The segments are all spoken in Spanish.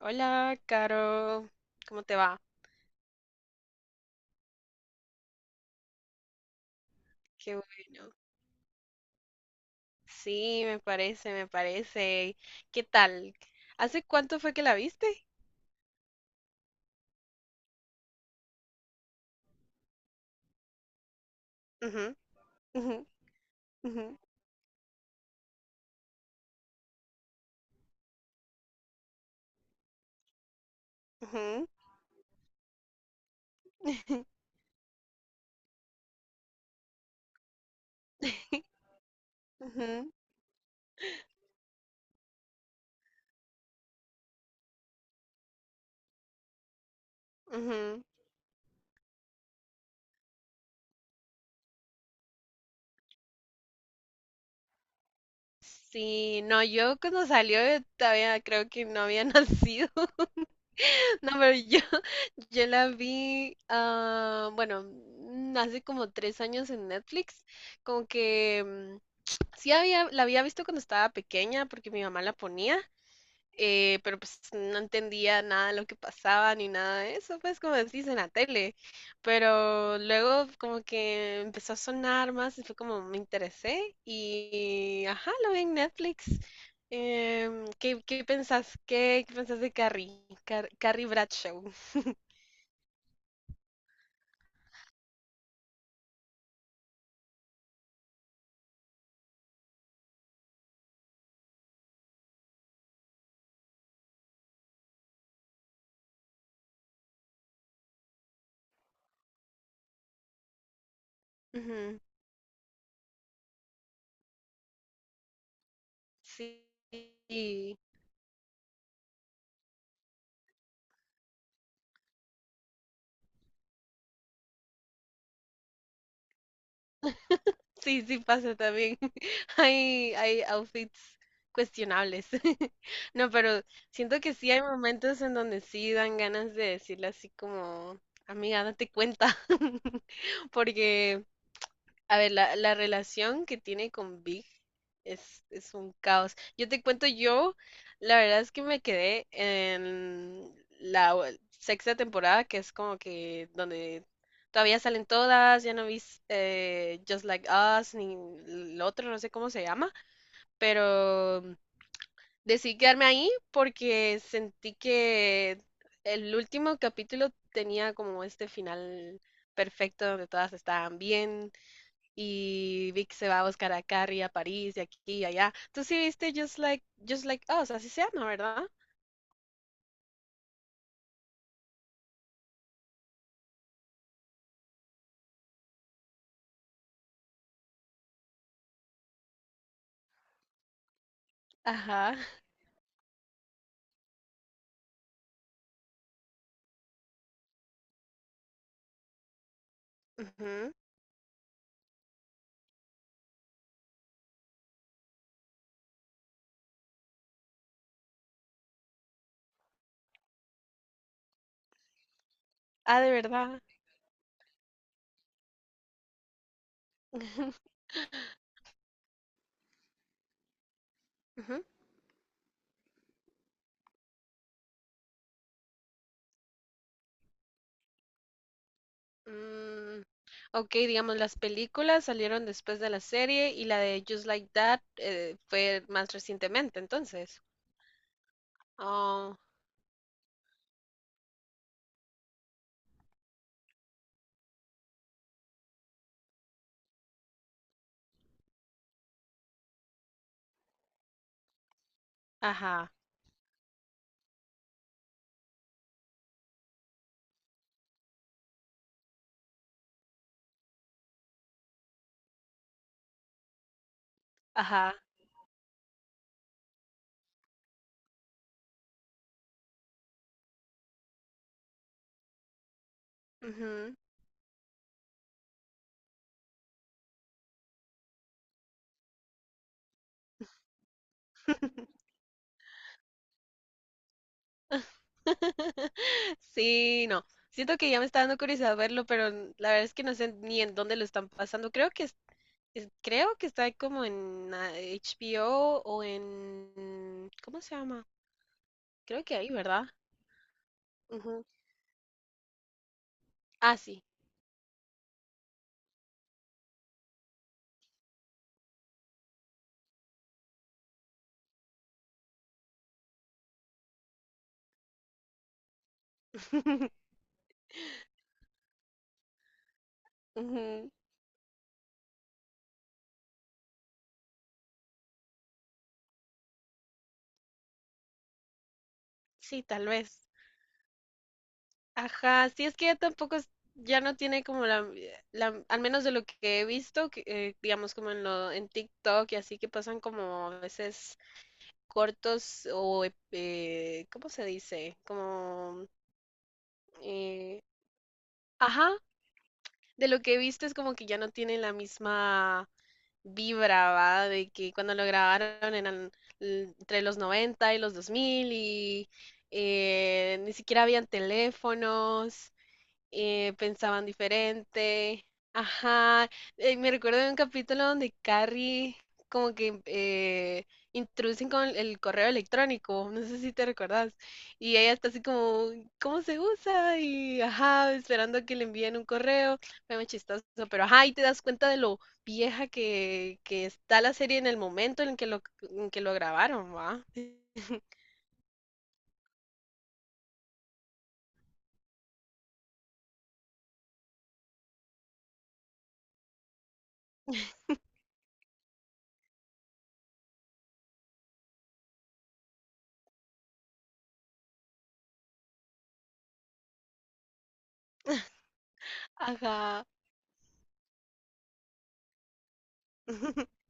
Hola, Caro, ¿cómo te va? Qué bueno. Sí, me parece, me parece. ¿Qué tal? ¿Hace cuánto fue que la viste? Ujú, ujú, ujú, ujú, ujú, ujú. Sí, no, yo cuando salió todavía creo que no había nacido. No, pero yo la vi, ah, bueno, hace como tres años en Netflix. Como que sí había, la había visto cuando estaba pequeña porque mi mamá la ponía. Pero pues no entendía nada de lo que pasaba ni nada de eso, pues como decís en la tele. Pero luego como que empezó a sonar más y fue como me interesé y ajá, lo vi en Netflix. ¿Qué, qué pensás? ¿Qué, qué pensás de Carrie? Carrie Bradshaw. Ujú, sí. Sí, sí pasa también. Hay outfits cuestionables. No, pero siento que sí hay momentos en donde sí dan ganas de decirle así como, amiga, date cuenta. Porque a ver, la relación que tiene con Big es un caos. Yo te cuento, yo, la verdad es que me quedé en la sexta temporada, que es como que donde todavía salen todas, ya no vi Just Like Us, ni el otro, no sé cómo se llama, pero decidí quedarme ahí porque sentí que el último capítulo tenía como este final perfecto donde todas estaban bien y Vic se va a buscar a Carrie a París y aquí y allá. Tú sí viste Just Like, Just Like Us, así se llama, ¿verdad? Ajá. Ujú. Ah, de verdad. Ujú. Mm, ok, digamos, las películas salieron después de la serie y la de Just Like That fue más recientemente, entonces. Oh, ajá, ajá, ujú. Sí, no. Siento que ya me está dando curiosidad verlo, pero la verdad es que no sé ni en dónde lo están pasando. Creo que creo que está como en ah, HBO o en... ¿Cómo se llama? Creo que ahí, ¿verdad? Ujú. Ah, sí. Ujú, sí, tal vez. Ajá, sí, es que ya tampoco ya no tiene como al menos de lo que he visto, que, digamos como en lo, en TikTok y así que pasan como a veces cortos o, ¿cómo se dice? Como, eh, ajá, de lo que he visto es como que ya no tiene la misma vibraba de que cuando lo grabaron eran entre los 90 y los 2000 y ni siquiera habían teléfonos, pensaban diferente. Ajá, me recuerdo de un capítulo donde Carrie como que introducen con el correo electrónico, no sé si te recordás, y ella está así como, ¿cómo se usa? Y ajá, esperando que le envíen un correo, fue muy chistoso, pero ajá, y te das cuenta de lo vieja que está la serie en el momento en que lo grabaron, ¿va? Ajá,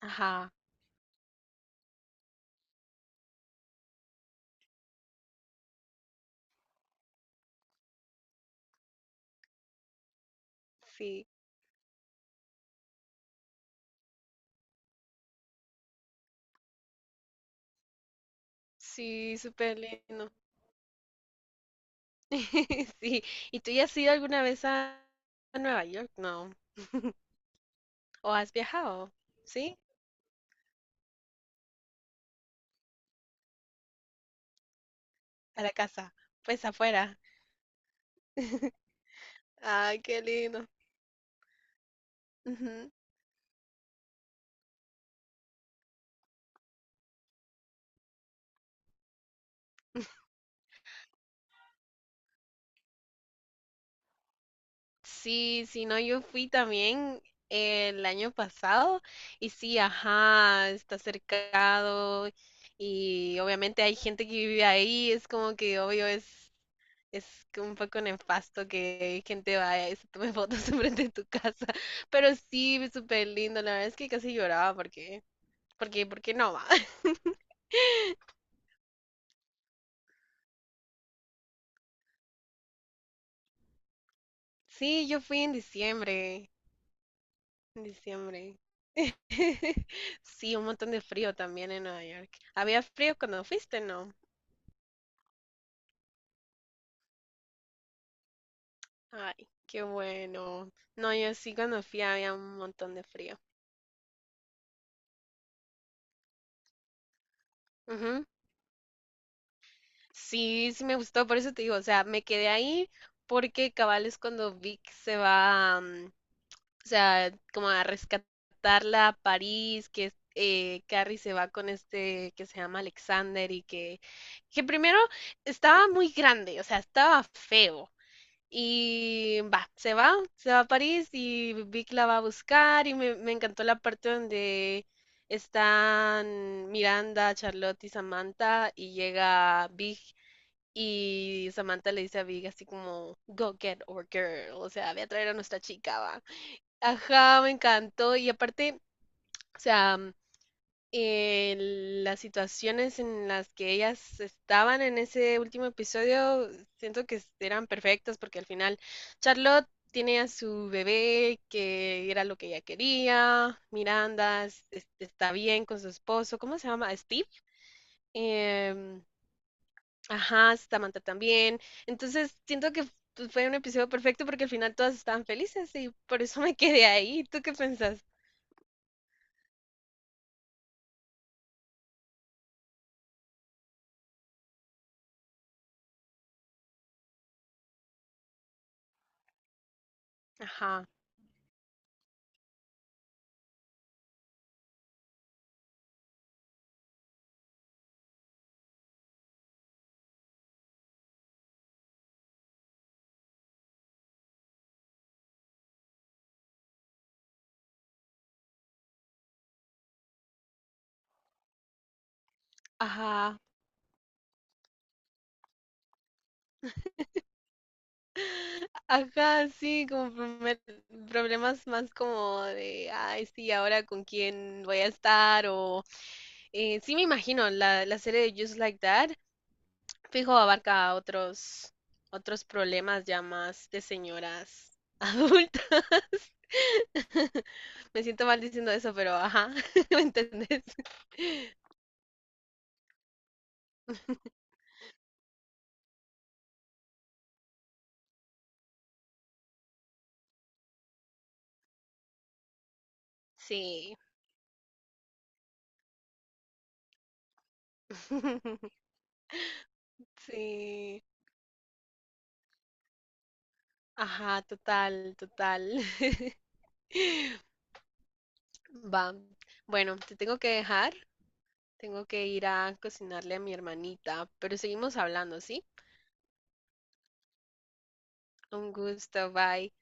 ajá, sí, sí, súper lindo. Sí, ¿y tú ya has ido alguna vez a Nueva York? No. ¿O has viajado? ¿Sí? A la casa. Pues afuera. Ay, qué lindo. Ujú. Sí, sí, no, yo fui también el año pasado y sí, ajá, está cercado y obviamente hay gente que vive ahí, es como que obvio es. Es que un poco nefasto que gente vaya y se tome fotos enfrente de tu casa. Pero sí, súper lindo. La verdad es que casi lloraba porque, porque, porque no va. Sí, yo fui en diciembre. En diciembre. Sí, un montón de frío también en Nueva York. ¿Había frío cuando fuiste, no? Ay, qué bueno. No, yo sí cuando fui había un montón de frío. Ujú. Sí, sí me gustó, por eso te digo, o sea, me quedé ahí porque cabal es cuando Vic se va, mm, o sea, como a rescatarla a París, que Carrie se va con este que se llama Alexander y que primero estaba muy grande, o sea, estaba feo. Y va, se va, se va a París y Vic la va a buscar y me encantó la parte donde están Miranda, Charlotte y Samantha y llega Big y Samantha le dice a Big así como, go get our girl, o sea, ve a traer a nuestra chica, va. Ajá, me encantó. Y aparte, o sea, mm, las situaciones en las que ellas estaban en ese último episodio, siento que eran perfectas porque al final Charlotte tiene a su bebé, que era lo que ella quería. Miranda está bien con su esposo. ¿Cómo se llama? Steve. Em, ajá, Samantha también. Entonces, siento que pues, fue un episodio perfecto porque al final todas estaban felices y por eso me quedé ahí. ¿Tú qué pensás? Ajá. Ajá. Ajá, sí, como problemas más como de, ay, sí, ahora con quién voy a estar o sí me imagino la serie de Just Like That, fijo, abarca otros otros problemas ya más de señoras adultas. Me siento mal diciendo eso, pero ajá, ¿me entendés? Sí. Sí. Ajá, total, total. Va. Bueno, te tengo que dejar. Tengo que ir a cocinarle a mi hermanita, pero seguimos hablando, ¿sí? Un gusto, bye.